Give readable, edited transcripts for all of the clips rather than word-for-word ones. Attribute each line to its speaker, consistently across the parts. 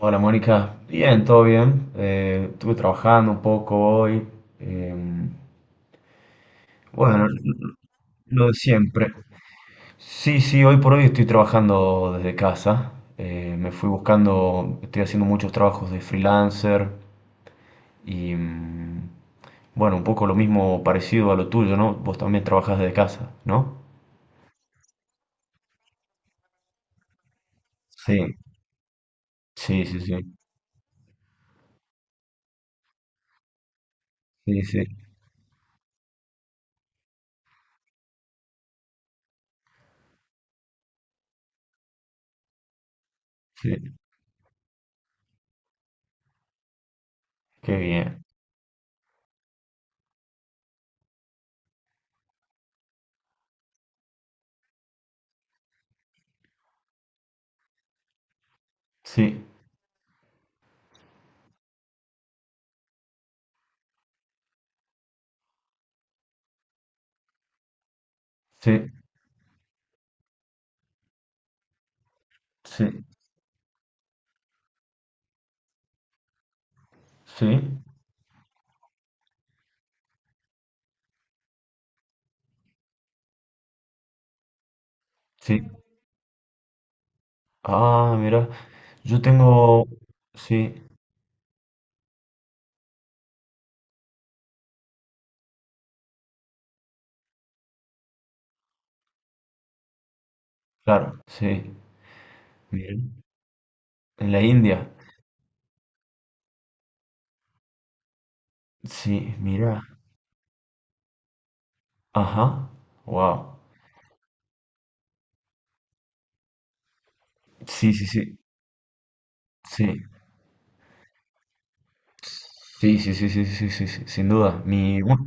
Speaker 1: Hola Mónica, bien, todo bien. Estuve trabajando un poco hoy. eh, bueno, lo de siempre. Sí, sí, hoy por hoy estoy trabajando desde casa. Me fui buscando, estoy haciendo muchos trabajos de freelancer y bueno, un poco lo mismo parecido a lo tuyo, ¿no? Vos también trabajás desde casa, ¿no? Sí, sí, sí, sí, sí, sí, sí. Qué bien. Sí, sí, sí, sí, sí. Ah, mira, yo tengo, sí, claro, sí, mira, en la India, sí, mira, ajá, wow, sí, sí, sí, sí, sí, sí, sí, sí, sí, sí, sí, sí, sin duda, mi, bueno,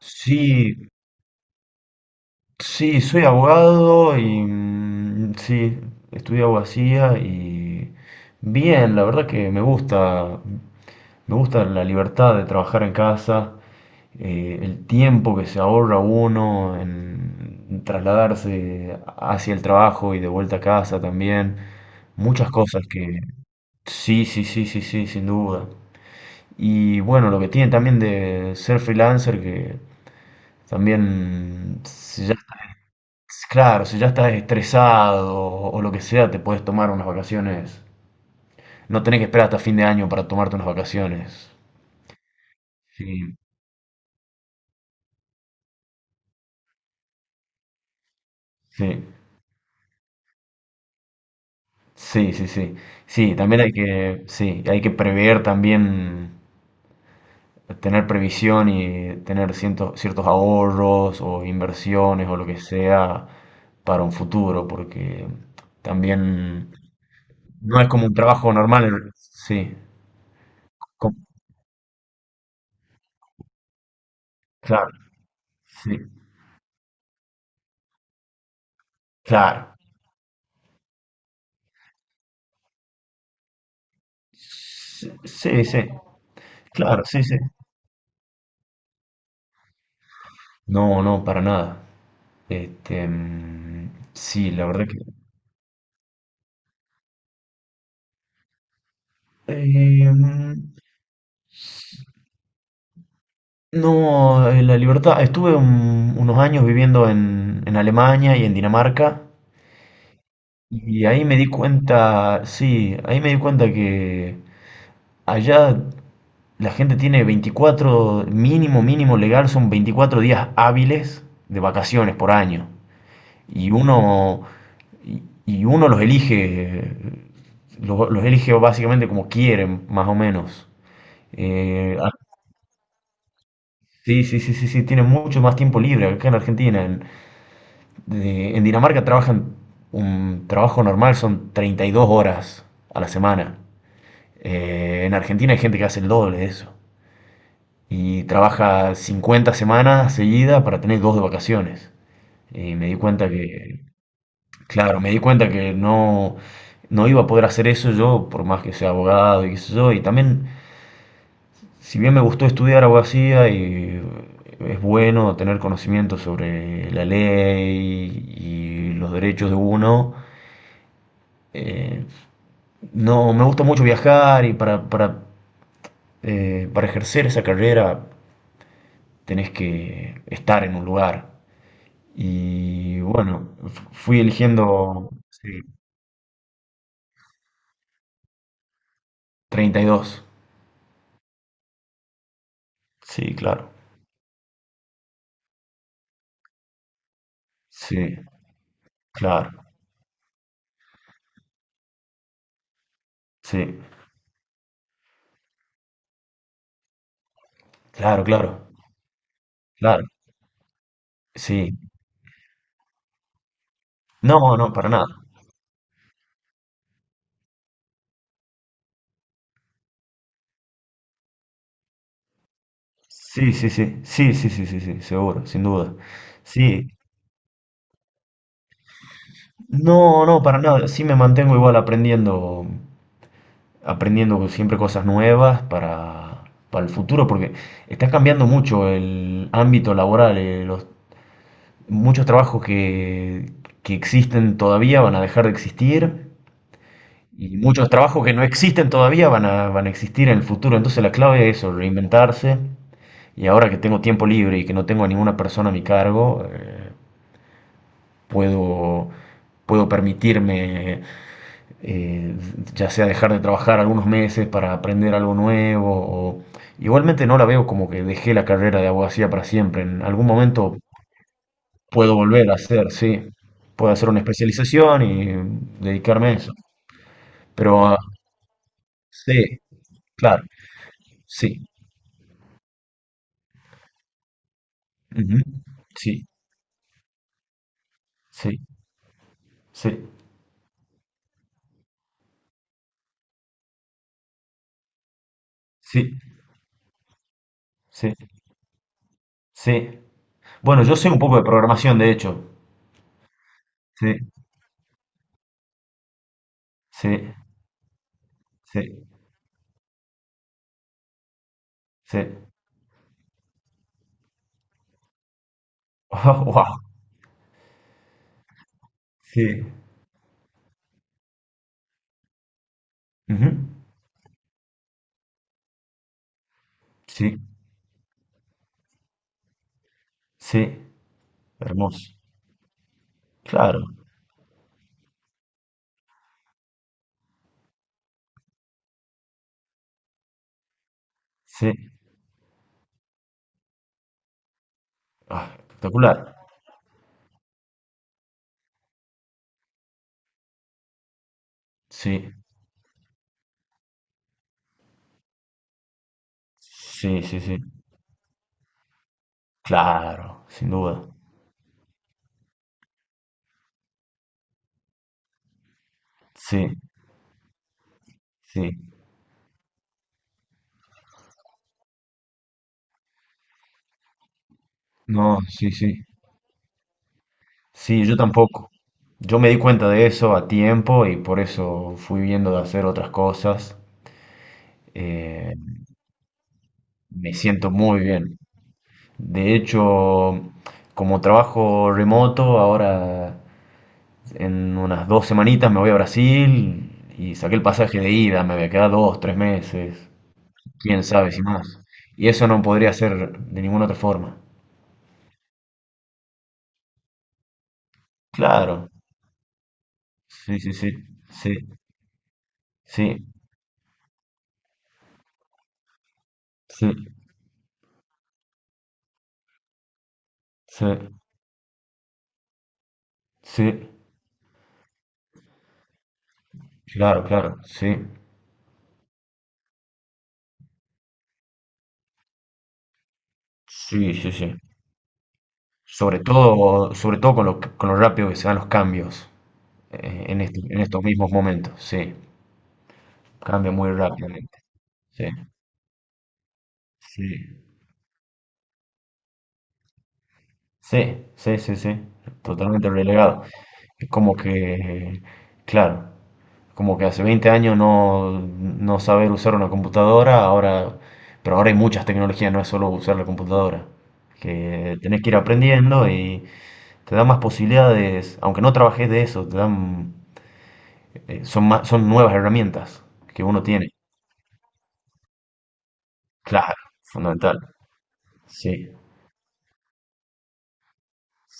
Speaker 1: sí. Sí, soy abogado y sí, estudié abogacía y bien, la verdad que me gusta la libertad de trabajar en casa, el tiempo que se ahorra uno en trasladarse hacia el trabajo y de vuelta a casa también, muchas cosas que sí, sí, sí, sí, sí, sin duda. Y bueno, lo que tiene también de ser freelancer que también claro, si ya estás estresado o lo que sea, te puedes tomar unas vacaciones. No tenés que esperar hasta fin de año para tomarte unas vacaciones. Sí, sí, sí, sí, sí. Sí, también hay que, sí, hay que prever también, tener previsión y tener ciertos ahorros o inversiones o lo que sea para un futuro, porque también no es como un trabajo normal. Sí, com- claro, sí, claro. Sí, sí, claro, sí, sí. No, no, para nada. Este, mm, sí, la verdad que. Mm, no, la libertad. Estuve unos años viviendo en Alemania y en Dinamarca y ahí me di cuenta, sí, ahí me di cuenta que allá la gente tiene 24 mínimo, mínimo legal, son 24 días hábiles de vacaciones por año. y uno, y uno los elige, los elige básicamente como quieren, más o menos. Ah, sí, sí, sí, sí, sí, tienen mucho más tiempo libre acá en Argentina. En Dinamarca trabajan un trabajo normal, son 32 horas a la semana. En Argentina hay gente que hace el doble de eso. Y trabaja 50 semanas seguidas para tener dos de vacaciones. Y me di cuenta que Claro, me di cuenta que no, no iba a poder hacer eso yo, por más que sea abogado y qué sé yo. Y también, si bien me gustó estudiar abogacía y es bueno tener conocimiento sobre la ley y los derechos de uno, eh, no, me gusta mucho viajar y para ejercer esa carrera tenés que estar en un lugar. Y bueno, fui eligiendo sí. 32. Sí, claro. Sí. Claro, sí, claro, claro, claro, sí. No, no, para nada. Sí, sí, sí, sí, sí, sí, sí, sí, seguro, sin duda. Sí, no, no, para nada. Sí me mantengo igual aprendiendo, aprendiendo siempre cosas nuevas para el futuro, porque está cambiando mucho el ámbito laboral. Muchos trabajos que existen todavía van a dejar de existir. Y muchos trabajos que no existen todavía van a existir en el futuro. Entonces la clave es eso, reinventarse. Y ahora que tengo tiempo libre y que no tengo a ninguna persona a mi cargo, puedo, puedo permitirme, eh, ya sea dejar de trabajar algunos meses para aprender algo nuevo. o- Igualmente no la veo como que dejé la carrera de abogacía para siempre. En algún momento puedo volver a hacer, sí. Puedo hacer una especialización y dedicarme a eso. Pero ah, sí, claro, sí. Ujú. Sí, sí, sí, sí, sí, sí. Bueno, yo sé un poco de programación, de hecho. Sí, sí, sí, sí. wow, sí. Ujú. Sí, sí, hermoso. Claro, sí. Ah, espectacular. Sí, sí, sí, sí. Claro, sin duda. Sí, sí. No, sí, sí. Sí, yo tampoco. Yo me di cuenta de eso a tiempo y por eso fui viendo de hacer otras cosas. eh, Me siento muy bien. De hecho, como trabajo remoto, ahora en unas dos semanitas me voy a Brasil y saqué el pasaje de ida, me voy a quedar dos, tres meses, quién sabe si más. Y eso no podría ser de ninguna otra forma. Claro, sí, sí, sí, sí, sí, sí, sí, sí, claro, claro, sí, sí, sí, sí. Sobre todo con lo rápido que se dan los cambios. En estos mismos momentos, sí, cambia muy rápidamente, sí, sí, sí, sí, sí, sí, totalmente relegado. Es como que, claro, como que hace 20 años no saber usar una computadora, ahora, pero ahora hay muchas tecnologías, no es solo usar la computadora, que tenés que ir aprendiendo y te da más posibilidades, aunque no trabajes de eso, te dan, son nuevas herramientas que uno tiene, claro, fundamental, sí.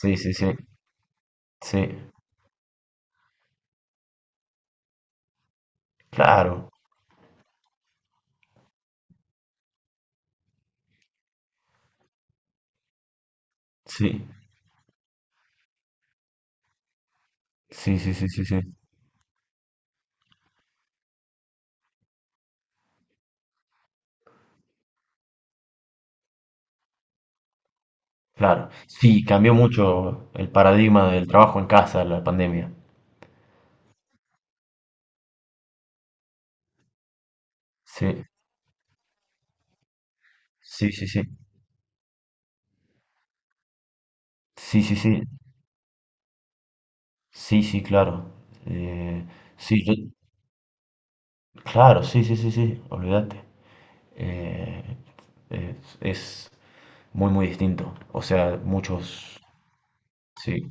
Speaker 1: Sí, sí, sí, sí, claro, sí, sí, sí, sí, sí, sí, claro. Sí, cambió mucho el paradigma del trabajo en casa, la pandemia. Sí, sí, sí, sí, sí, sí, sí, sí, sí, claro. Eh, sí, yo, claro, sí, sí, sí, sí, olvídate. Eh, es muy, muy distinto. O sea, muchos, sí,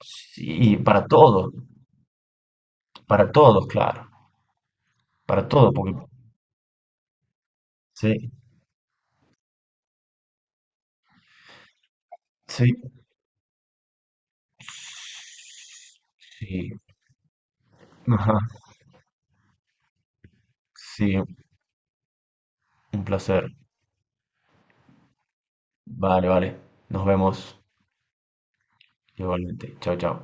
Speaker 1: sí, para todos, claro, para todos, porque, sí, sí, sí. Sí, un placer. Vale, vale. Nos vemos igualmente. Chao, chao.